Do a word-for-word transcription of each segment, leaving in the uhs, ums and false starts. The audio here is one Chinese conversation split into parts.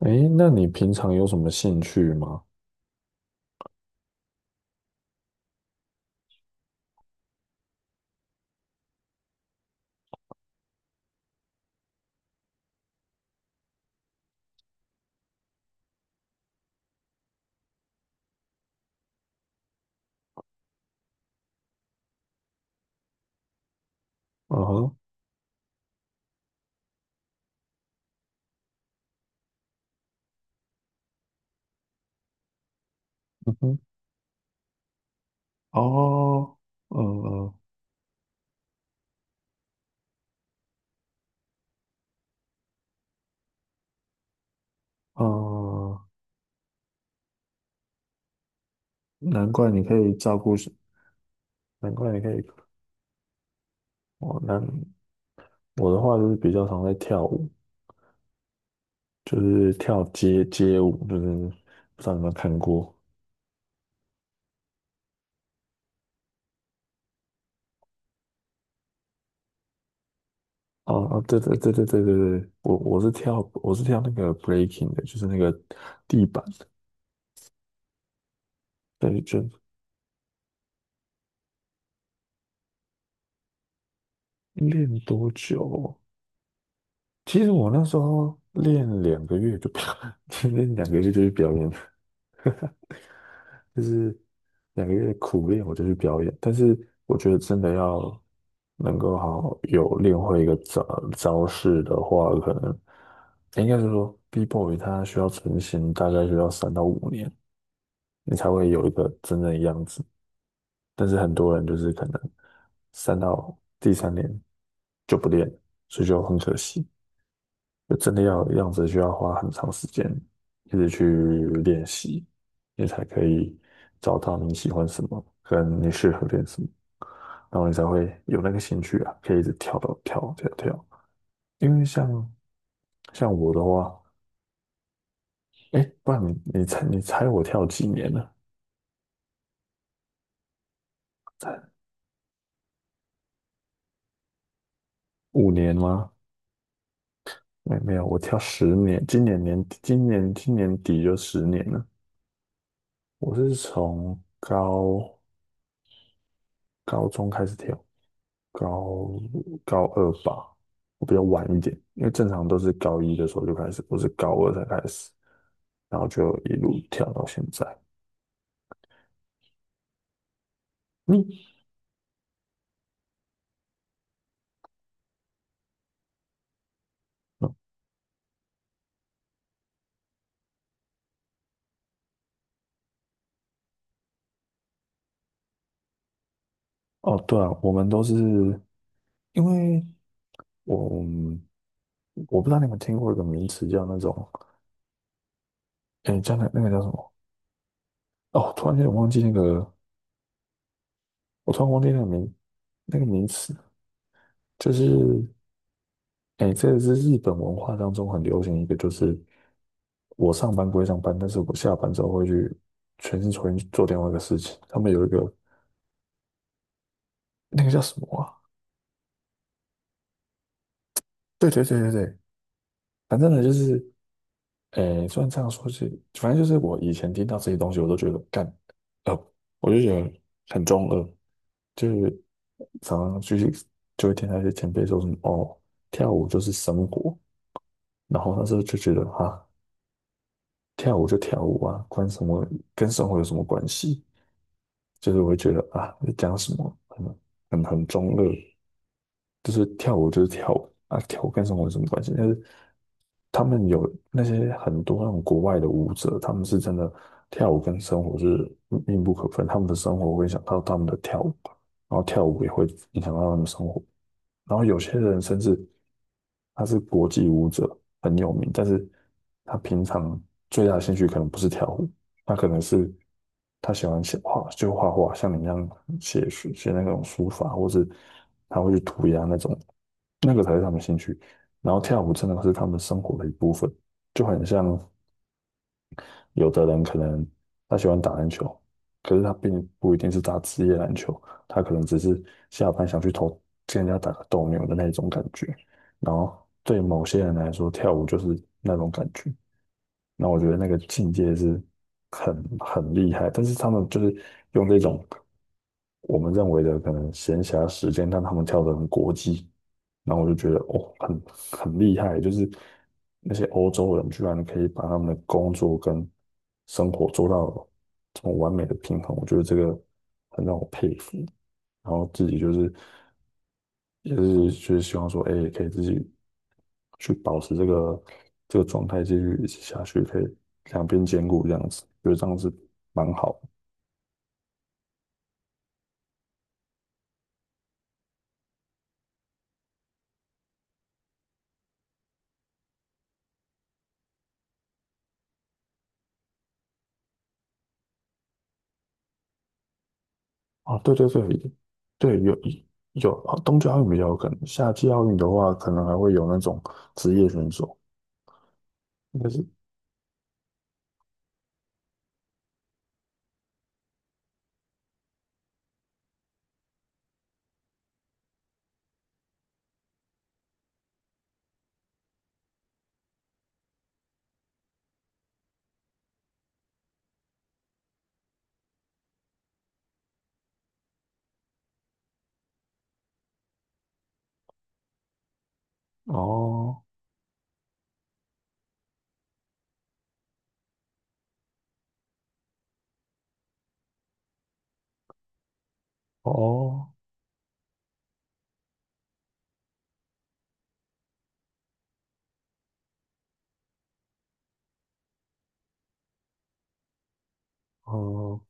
诶，那你平常有什么兴趣吗？嗯哼，嗯哼，哦，嗯嗯嗯，难怪你可以照顾是，难怪你可以，哦，难，我的话就是比较常在跳舞，就是跳街街舞，就是不知道你有没有看过。哦哦，对对对对对对对，我我是跳我是跳那个 breaking 的，就是那个地板的。对，就练多久哦？其实我那时候练两个月就表，练两个月就去表演就是两个月苦练，我就去表演。但是我觉得真的要能够好好有练会一个招招式的话，可能应该是说 B-boy 它需要成型，大概需要三到五年，你才会有一个真正的样子。但是很多人就是可能三到第三年就不练，所以就很可惜。就真的要样子，需要花很长时间一直去练习，你才可以找到你喜欢什么，跟你适合练什么，然后你才会有那个兴趣啊，可以一直跳到跳跳跳。因为像像我的话，哎，不然你你猜你猜我跳几年了？猜五年吗？没没有，我跳十年，今年年底今年今年底就十年了。我是从高高中开始跳，高高二吧，我比较晚一点，因为正常都是高一的时候就开始，我是高二才开始，然后就一路跳到现在。你、嗯、哦，对啊，我们都是因为我我不知道你们听过一个名词叫那种，诶，叫那那个叫什么？哦，突然间我忘记那个，我突然忘记那个名那个名词，就是诶，这个是日本文化当中很流行一个，就是我上班归上班，但是我下班之后会去全心全意去做另外一个事情。他们有一个那个叫什么啊？对对对对对，反正呢就是，诶，虽然这样说是，反正就是我以前听到这些东西，我都觉得干，呃，我就觉得很中二，就是常常就是就会听到一些前辈说什么哦，跳舞就是生活，然后那时候就觉得哈，跳舞就跳舞啊，关什么跟生活有什么关系？就是我会觉得啊，你讲什么很很很中二。就是跳舞就是跳舞啊，跳舞跟生活有什么关系？但是他们有那些很多那种国外的舞者，他们是真的跳舞跟生活是密不可分，他们的生活会影响到他们的跳舞，然后跳舞也会影响到他们的生活。然后有些人甚至他是国际舞者，很有名，但是他平常最大的兴趣可能不是跳舞，他可能是他喜欢写画，就画画，像你一样写书写那种书法，或是他会去涂鸦那种，那个才是他们兴趣。然后跳舞真的是他们生活的一部分，就很像有的人可能他喜欢打篮球，可是他并不一定是打职业篮球，他可能只是下班想去投跟人家打个斗牛的那种感觉。然后对某些人来说，跳舞就是那种感觉。那我觉得那个境界是很很厉害，但是他们就是用这种我们认为的可能闲暇时间，但他们跳得很国际，然后我就觉得哦，很很厉害，就是那些欧洲人居然可以把他们的工作跟生活做到这么完美的平衡，我觉得这个很让我佩服。然后自己就是就是就是希望说，哎，可以自己去保持这个这个状态，继续一直下去，可以两边兼顾这样子，觉得这样子蛮好的。啊，对对对，对有有啊冬季奥运比较有可能，夏季奥运的话，可能还会有那种职业选手，应该是哦哦哦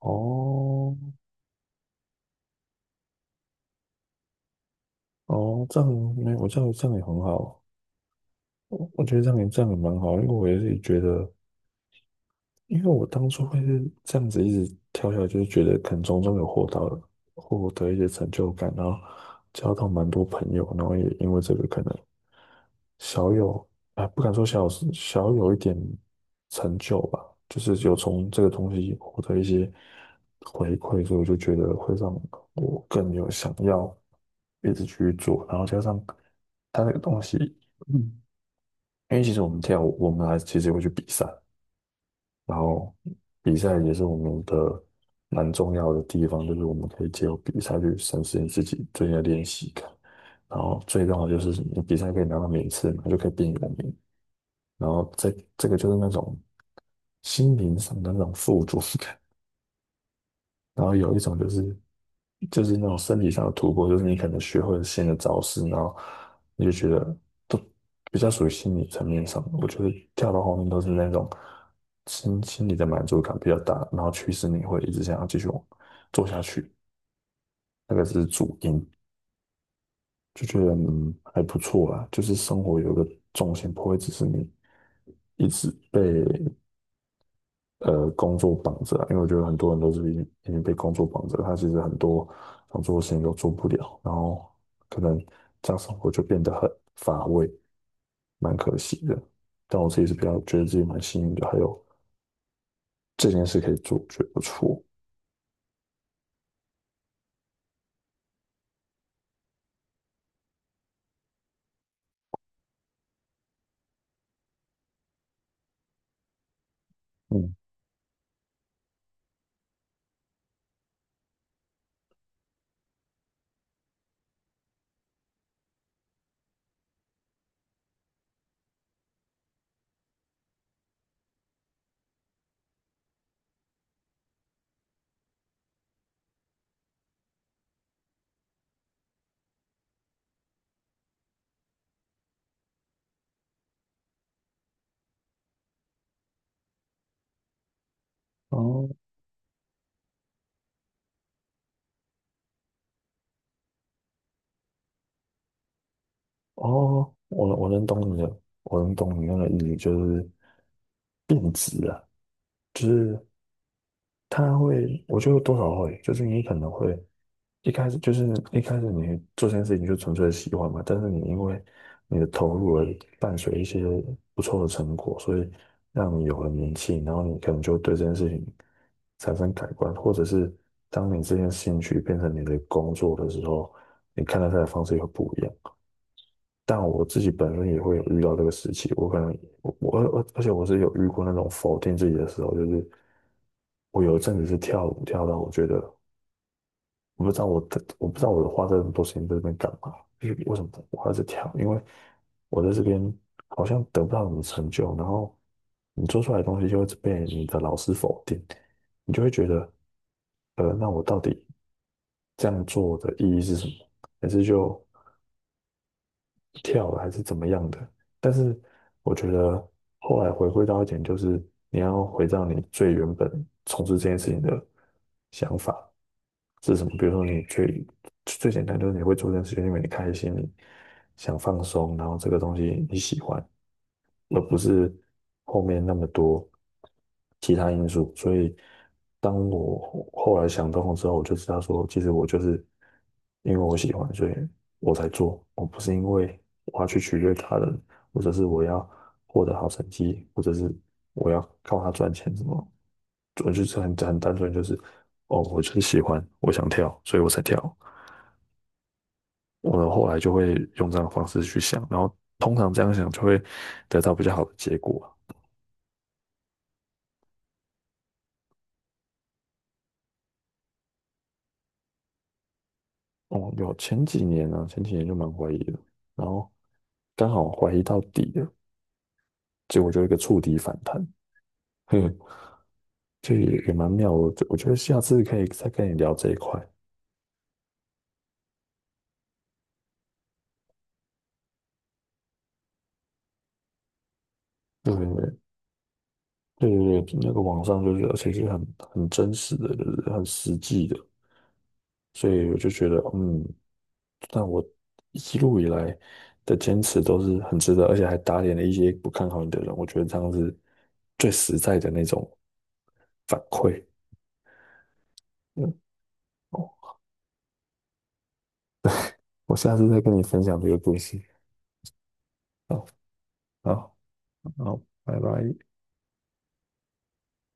哦哦，这样没有，这样这样也很好，我我觉得这样也这样也蛮好，因为我也是觉得。因为我当初会是这样子一直跳下来，就是觉得可能从中有获到获得一些成就感，然后交到蛮多朋友，然后也因为这个可能小有啊，不敢说小有小有一点成就吧，就是有从这个东西获得一些回馈，所以我就觉得会让我更有想要一直去做，然后加上他那个东西，嗯，因为其实我们跳舞，我们还其实也会去比赛。然后比赛也是我们的蛮重要的地方，就是我们可以借由比赛去审视你自己最近的练习感。然后最重要的就是你比赛可以拿到名次嘛，就可以变有名。然后这这个就是那种心灵上的那种富足感。然后有一种就是就是那种身体上的突破，就是你可能学会了新的招式，然后你就觉得都比较属于心理层面上的我觉得跳到后面都是那种心心理的满足感比较大，然后驱使你会一直想要继续往做下去，那个是主因，就觉得嗯还不错啦，就是生活有个重心，不会只是你一直被呃工作绑着啊因为我觉得很多人都是已经已经被工作绑着，他其实很多想做的事情都做不了，然后可能这样生活就变得很乏味，蛮可惜的。但我自己是比较觉得自己蛮幸运的，还有这件事可以做，觉得不错。嗯，哦哦，我能我能懂你的，我能懂你那个意义，就是变质了，就是他会，我觉得多少会，就是你可能会。一开始就是一开始你做这件事情就纯粹喜欢嘛，但是你因为你的投入而伴随一些不错的成果，所以让你有了名气，然后你可能就对这件事情产生改观，或者是当你这件兴趣变成你的工作的时候，你看待它的方式也会不一样。但我自己本身也会有遇到这个时期，我可能我我而且我是有遇过那种否定自己的时候，就是我有一阵子是跳舞跳到我觉得。我不知道我的，我不知道我花这么多时间在这边干嘛，为为什么我还在跳？因为我在这边好像得不到什么成就，然后你做出来的东西就会被你的老师否定，你就会觉得，呃，那我到底这样做的意义是什么？还是就跳了还是怎么样的。但是我觉得后来回归到一点，就是你要回到你最原本从事这件事情的想法是什么。比如说，你最最简单就是你会做这件事情，因为你开心，你想放松，然后这个东西你喜欢。而不是后面那么多其他因素。所以，当我后后来想通了之后，我就知道说，其实我就是因为我喜欢，所以我才做。我不是因为我要去取悦他人，或者是我要获得好成绩，或者是我要靠他赚钱什么。我就是很很单纯，就是哦，我就是喜欢，我想跳，所以我才跳。我的后来就会用这样的方式去想，然后通常这样想就会得到比较好的结果。哦，有前几年啊，前几年就蛮怀疑的，然后刚好怀疑到底了，结果就一个触底反弹，哼，这也也蛮妙的。我觉我觉得下次可以再跟你聊这一块。对对对对对，那个网上就是，而且是很很真实的，就是很实际的，所以我就觉得，嗯，但我一路以来的坚持都是很值得，而且还打脸了一些不看好你的人，我觉得这样是最实在的那种反馈。嗯。哦。我下次再跟你分享这个故事。好，好，好，拜拜。